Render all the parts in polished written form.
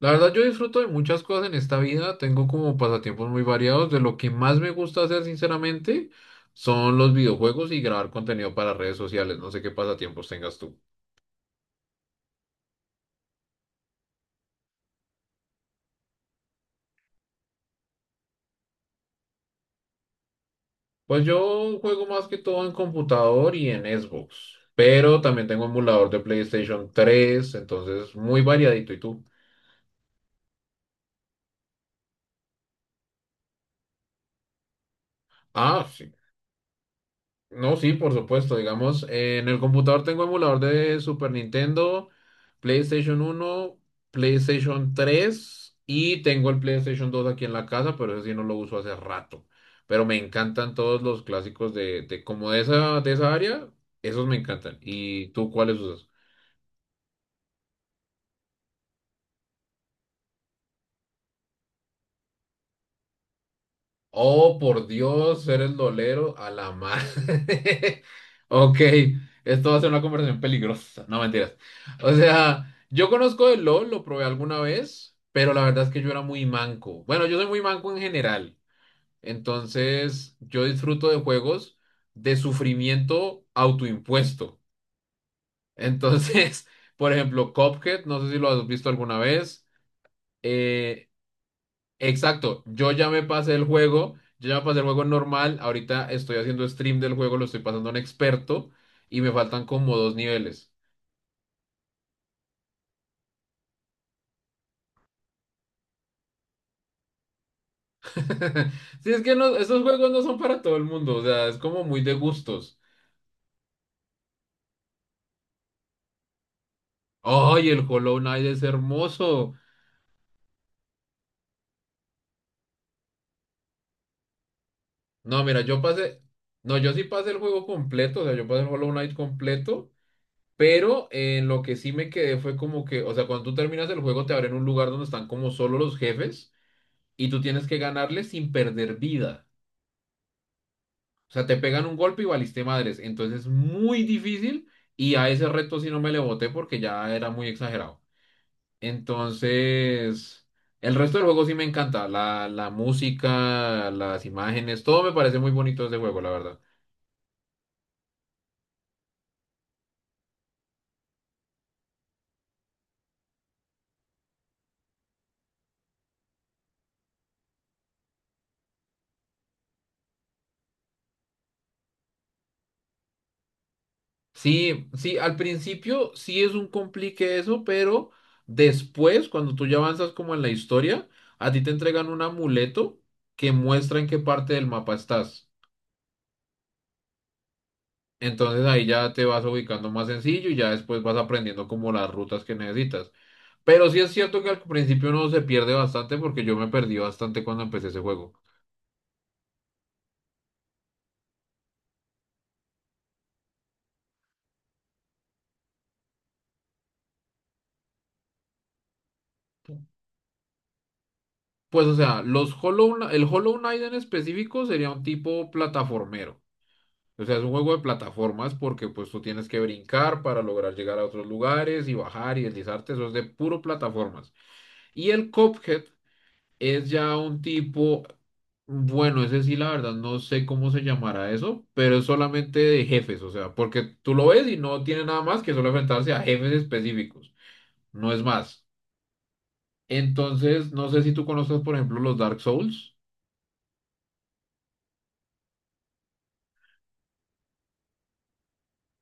La verdad, yo disfruto de muchas cosas en esta vida, tengo como pasatiempos muy variados, de lo que más me gusta hacer sinceramente son los videojuegos y grabar contenido para redes sociales, no sé qué pasatiempos tengas tú. Pues yo juego más que todo en computador y en Xbox, pero también tengo emulador de PlayStation 3, entonces muy variadito. ¿Y tú? Ah, sí, no, sí, por supuesto, digamos, en el computador tengo emulador de Super Nintendo, PlayStation 1, PlayStation 3 y tengo el PlayStation 2 aquí en la casa, pero ese sí no lo uso hace rato. Pero me encantan todos los clásicos de como de esa área, esos me encantan. ¿Y tú cuáles usas? Oh, por Dios, eres dolero a la madre. Ok, esto va a ser una conversación peligrosa. No, mentiras. O sea, yo conozco el LOL, lo probé alguna vez, pero la verdad es que yo era muy manco. Bueno, yo soy muy manco en general. Entonces, yo disfruto de juegos de sufrimiento autoimpuesto. Entonces, por ejemplo, Cuphead, no sé si lo has visto alguna vez. Eh, Exacto, yo ya me pasé el juego, yo ya me pasé el juego normal, ahorita estoy haciendo stream del juego, lo estoy pasando a un experto y me faltan como dos niveles. Si es que no, esos juegos no son para todo el mundo, o sea, es como muy de gustos. ¡Ay, el Hollow Knight es hermoso! No, mira, yo pasé, no, yo sí pasé el juego completo, o sea, yo pasé el Hollow Knight completo, pero en lo que sí me quedé fue como que, o sea, cuando tú terminas el juego te abren un lugar donde están como solo los jefes y tú tienes que ganarles sin perder vida. O sea, te pegan un golpe y valiste madres. Entonces es muy difícil y a ese reto sí no me le boté porque ya era muy exagerado. Entonces, el resto del juego sí me encanta. La música, las imágenes, todo me parece muy bonito ese juego, la verdad. Sí, sí, al principio sí es un complique eso, pero después, cuando tú ya avanzas como en la historia, a ti te entregan un amuleto que muestra en qué parte del mapa estás. Entonces ahí ya te vas ubicando más sencillo y ya después vas aprendiendo como las rutas que necesitas. Pero sí es cierto que al principio uno se pierde bastante porque yo me perdí bastante cuando empecé ese juego. Pues o sea, el Hollow Knight en específico sería un tipo plataformero. O sea, es un juego de plataformas porque pues tú tienes que brincar para lograr llegar a otros lugares y bajar y deslizarte. Eso es de puro plataformas. Y el Cuphead es ya un tipo, bueno, ese sí, la verdad, no sé cómo se llamará eso, pero es solamente de jefes, o sea, porque tú lo ves y no tiene nada más que solo enfrentarse a jefes específicos, no es más. Entonces, no sé si tú conoces, por ejemplo, los Dark Souls.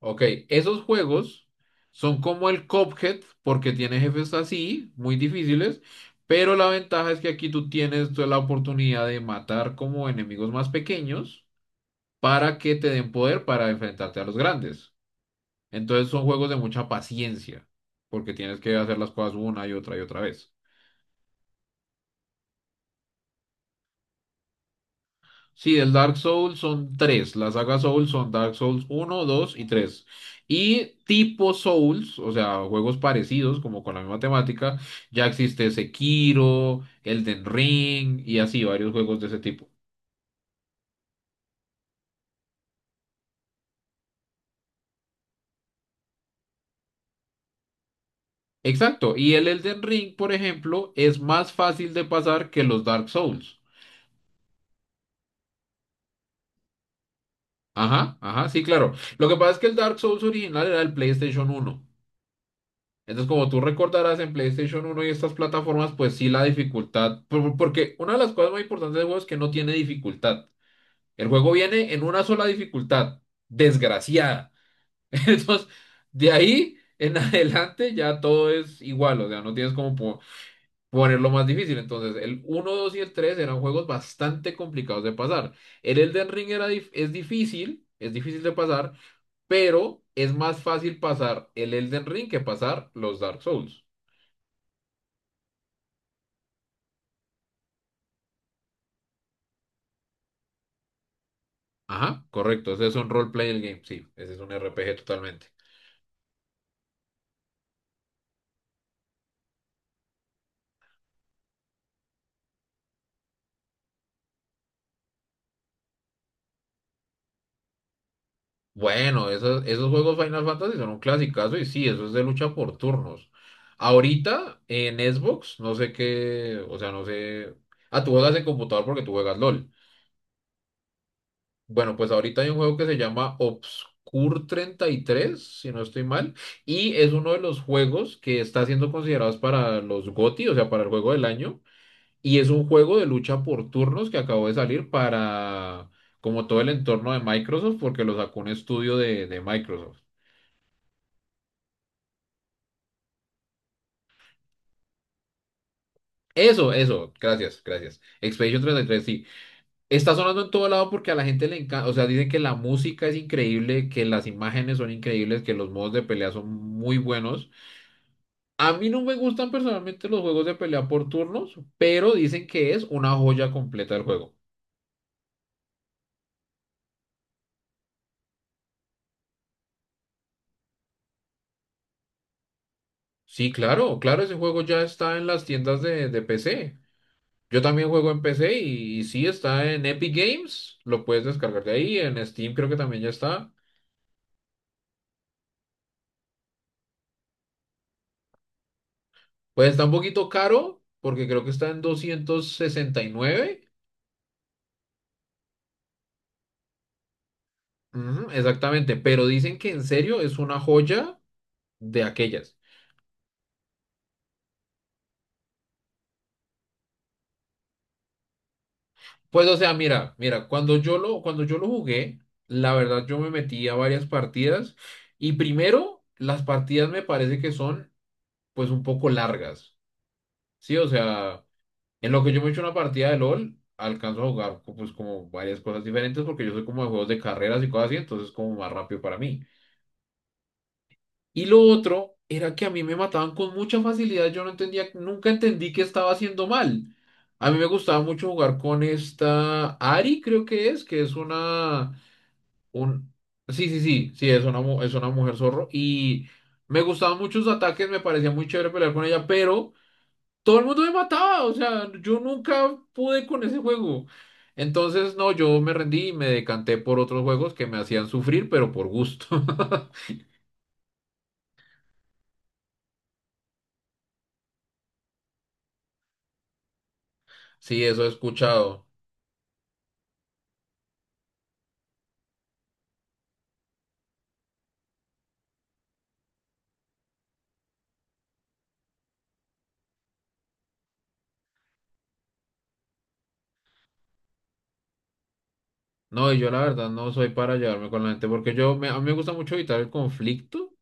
Ok, esos juegos son como el Cuphead, porque tiene jefes así, muy difíciles, pero la ventaja es que aquí tú tienes toda la oportunidad de matar como enemigos más pequeños para que te den poder para enfrentarte a los grandes. Entonces son juegos de mucha paciencia, porque tienes que hacer las cosas una y otra vez. Sí, el Dark Souls son tres. La saga Souls son Dark Souls 1, 2 y 3. Y tipo Souls, o sea, juegos parecidos, como con la misma temática, ya existe Sekiro, Elden Ring y así varios juegos de ese tipo. Exacto, y el Elden Ring, por ejemplo, es más fácil de pasar que los Dark Souls. Ajá, ajá, sí, claro. Lo que pasa es que el Dark Souls original era el PlayStation 1. Entonces, como tú recordarás en PlayStation 1 y estas plataformas, pues sí la dificultad, porque una de las cosas más importantes del juego es que no tiene dificultad. El juego viene en una sola dificultad, desgraciada. Entonces, de ahí en adelante ya todo es igual, o sea, no tienes como ponerlo más difícil. Entonces, el uno, 2 y el 3 eran juegos bastante complicados de pasar. El Elden Ring es difícil de pasar, pero es más fácil pasar el Elden Ring que pasar los Dark Souls. Ajá, correcto, ese es un role playing game, sí, ese es un RPG totalmente. Bueno, esos juegos Final Fantasy son un clasicazo y sí, eso es de lucha por turnos. Ahorita en Xbox, no sé qué, o sea, no sé. Ah, tú juegas en computador porque tú juegas LOL. Bueno, pues ahorita hay un juego que se llama Obscure 33, si no estoy mal, y es uno de los juegos que está siendo considerados para los GOTY, o sea, para el juego del año. Y es un juego de lucha por turnos que acabó de salir para como todo el entorno de Microsoft, porque lo sacó un estudio de Microsoft. Eso, gracias, gracias. Expedition 33 sí. Está sonando en todo lado porque a la gente le encanta, o sea, dicen que la música es increíble, que las imágenes son increíbles, que los modos de pelea son muy buenos. A mí no me gustan personalmente los juegos de pelea por turnos, pero dicen que es una joya completa del juego. Sí, claro, claro, ese juego ya está en las tiendas de PC. Yo también juego en PC y sí está en Epic Games, lo puedes descargar de ahí, en Steam creo que también ya está. Pues está un poquito caro porque creo que está en 269. Ujú, exactamente, pero dicen que en serio es una joya de aquellas. Pues o sea, mira, mira, cuando yo lo jugué, la verdad yo me metí a varias partidas y primero las partidas me parece que son pues un poco largas, ¿sí? O sea... En lo que yo me echo una partida de LOL, alcanzo a jugar pues como varias cosas diferentes porque yo soy como de juegos de carreras y cosas así, entonces es como más rápido para mí. Y lo otro era que a mí me mataban con mucha facilidad, yo no entendía, nunca entendí qué estaba haciendo mal. A mí me gustaba mucho jugar con esta Ari, creo que es una, un, sí, sí, sí, sí, es una mujer zorro y me gustaban muchos ataques, me parecía muy chévere pelear con ella, pero todo el mundo me mataba, o sea, yo nunca pude con ese juego. Entonces, no, yo me rendí y me decanté por otros juegos que me hacían sufrir, pero por gusto. Sí, eso he escuchado. No, y yo la verdad no soy para llevarme con la gente, porque a mí me gusta mucho evitar el conflicto.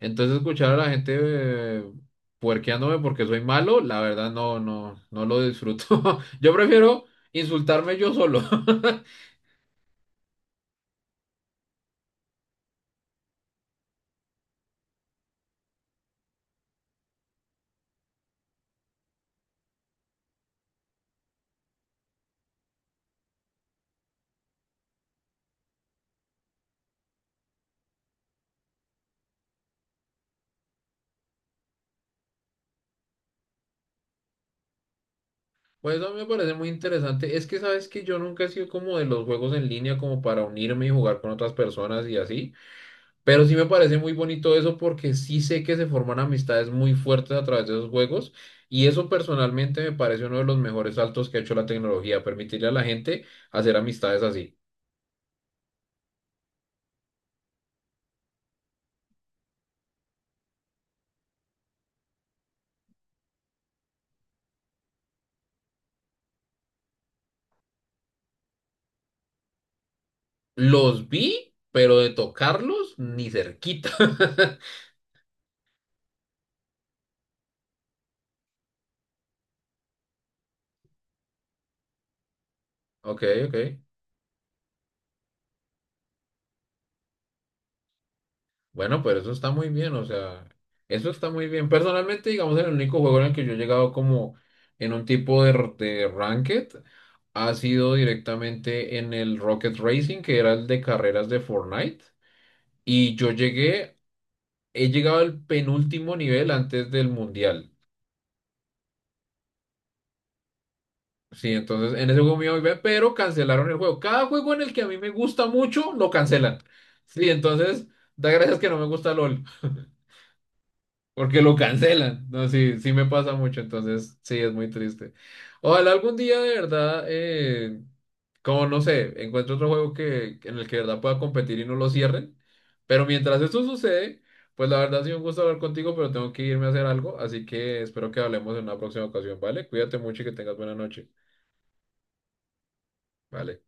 Entonces, escuchar a la gente puerqueándome porque soy malo, la verdad no, no, no lo disfruto. Yo prefiero insultarme yo solo. Pues eso a mí me parece muy interesante. Es que sabes que yo nunca he sido como de los juegos en línea, como para unirme y jugar con otras personas y así. Pero sí me parece muy bonito eso porque sí sé que se forman amistades muy fuertes a través de esos juegos. Y eso personalmente me parece uno de los mejores saltos que ha hecho la tecnología, permitirle a la gente hacer amistades así. Los vi, pero de tocarlos ni cerquita. Ok, ok. Bueno, pero eso está muy bien, o sea, eso está muy bien. Personalmente, digamos, el único juego en el que yo he llegado como en un tipo de ranked ha sido directamente en el Rocket Racing, que era el de carreras de Fortnite. Y he llegado al penúltimo nivel antes del mundial. Sí, entonces en ese juego me iba muy bien, pero cancelaron el juego. Cada juego en el que a mí me gusta mucho, lo cancelan. Sí, entonces, da gracias que no me gusta LOL. Porque lo cancelan. No, sí, sí me pasa mucho, entonces sí, es muy triste. Ojalá algún día de verdad, como no sé, encuentre otro en el que de verdad pueda competir y no lo cierren. Pero mientras eso sucede, pues la verdad ha sido un gusto hablar contigo, pero tengo que irme a hacer algo, así que espero que hablemos en una próxima ocasión, ¿vale? Cuídate mucho y que tengas buena noche. Vale.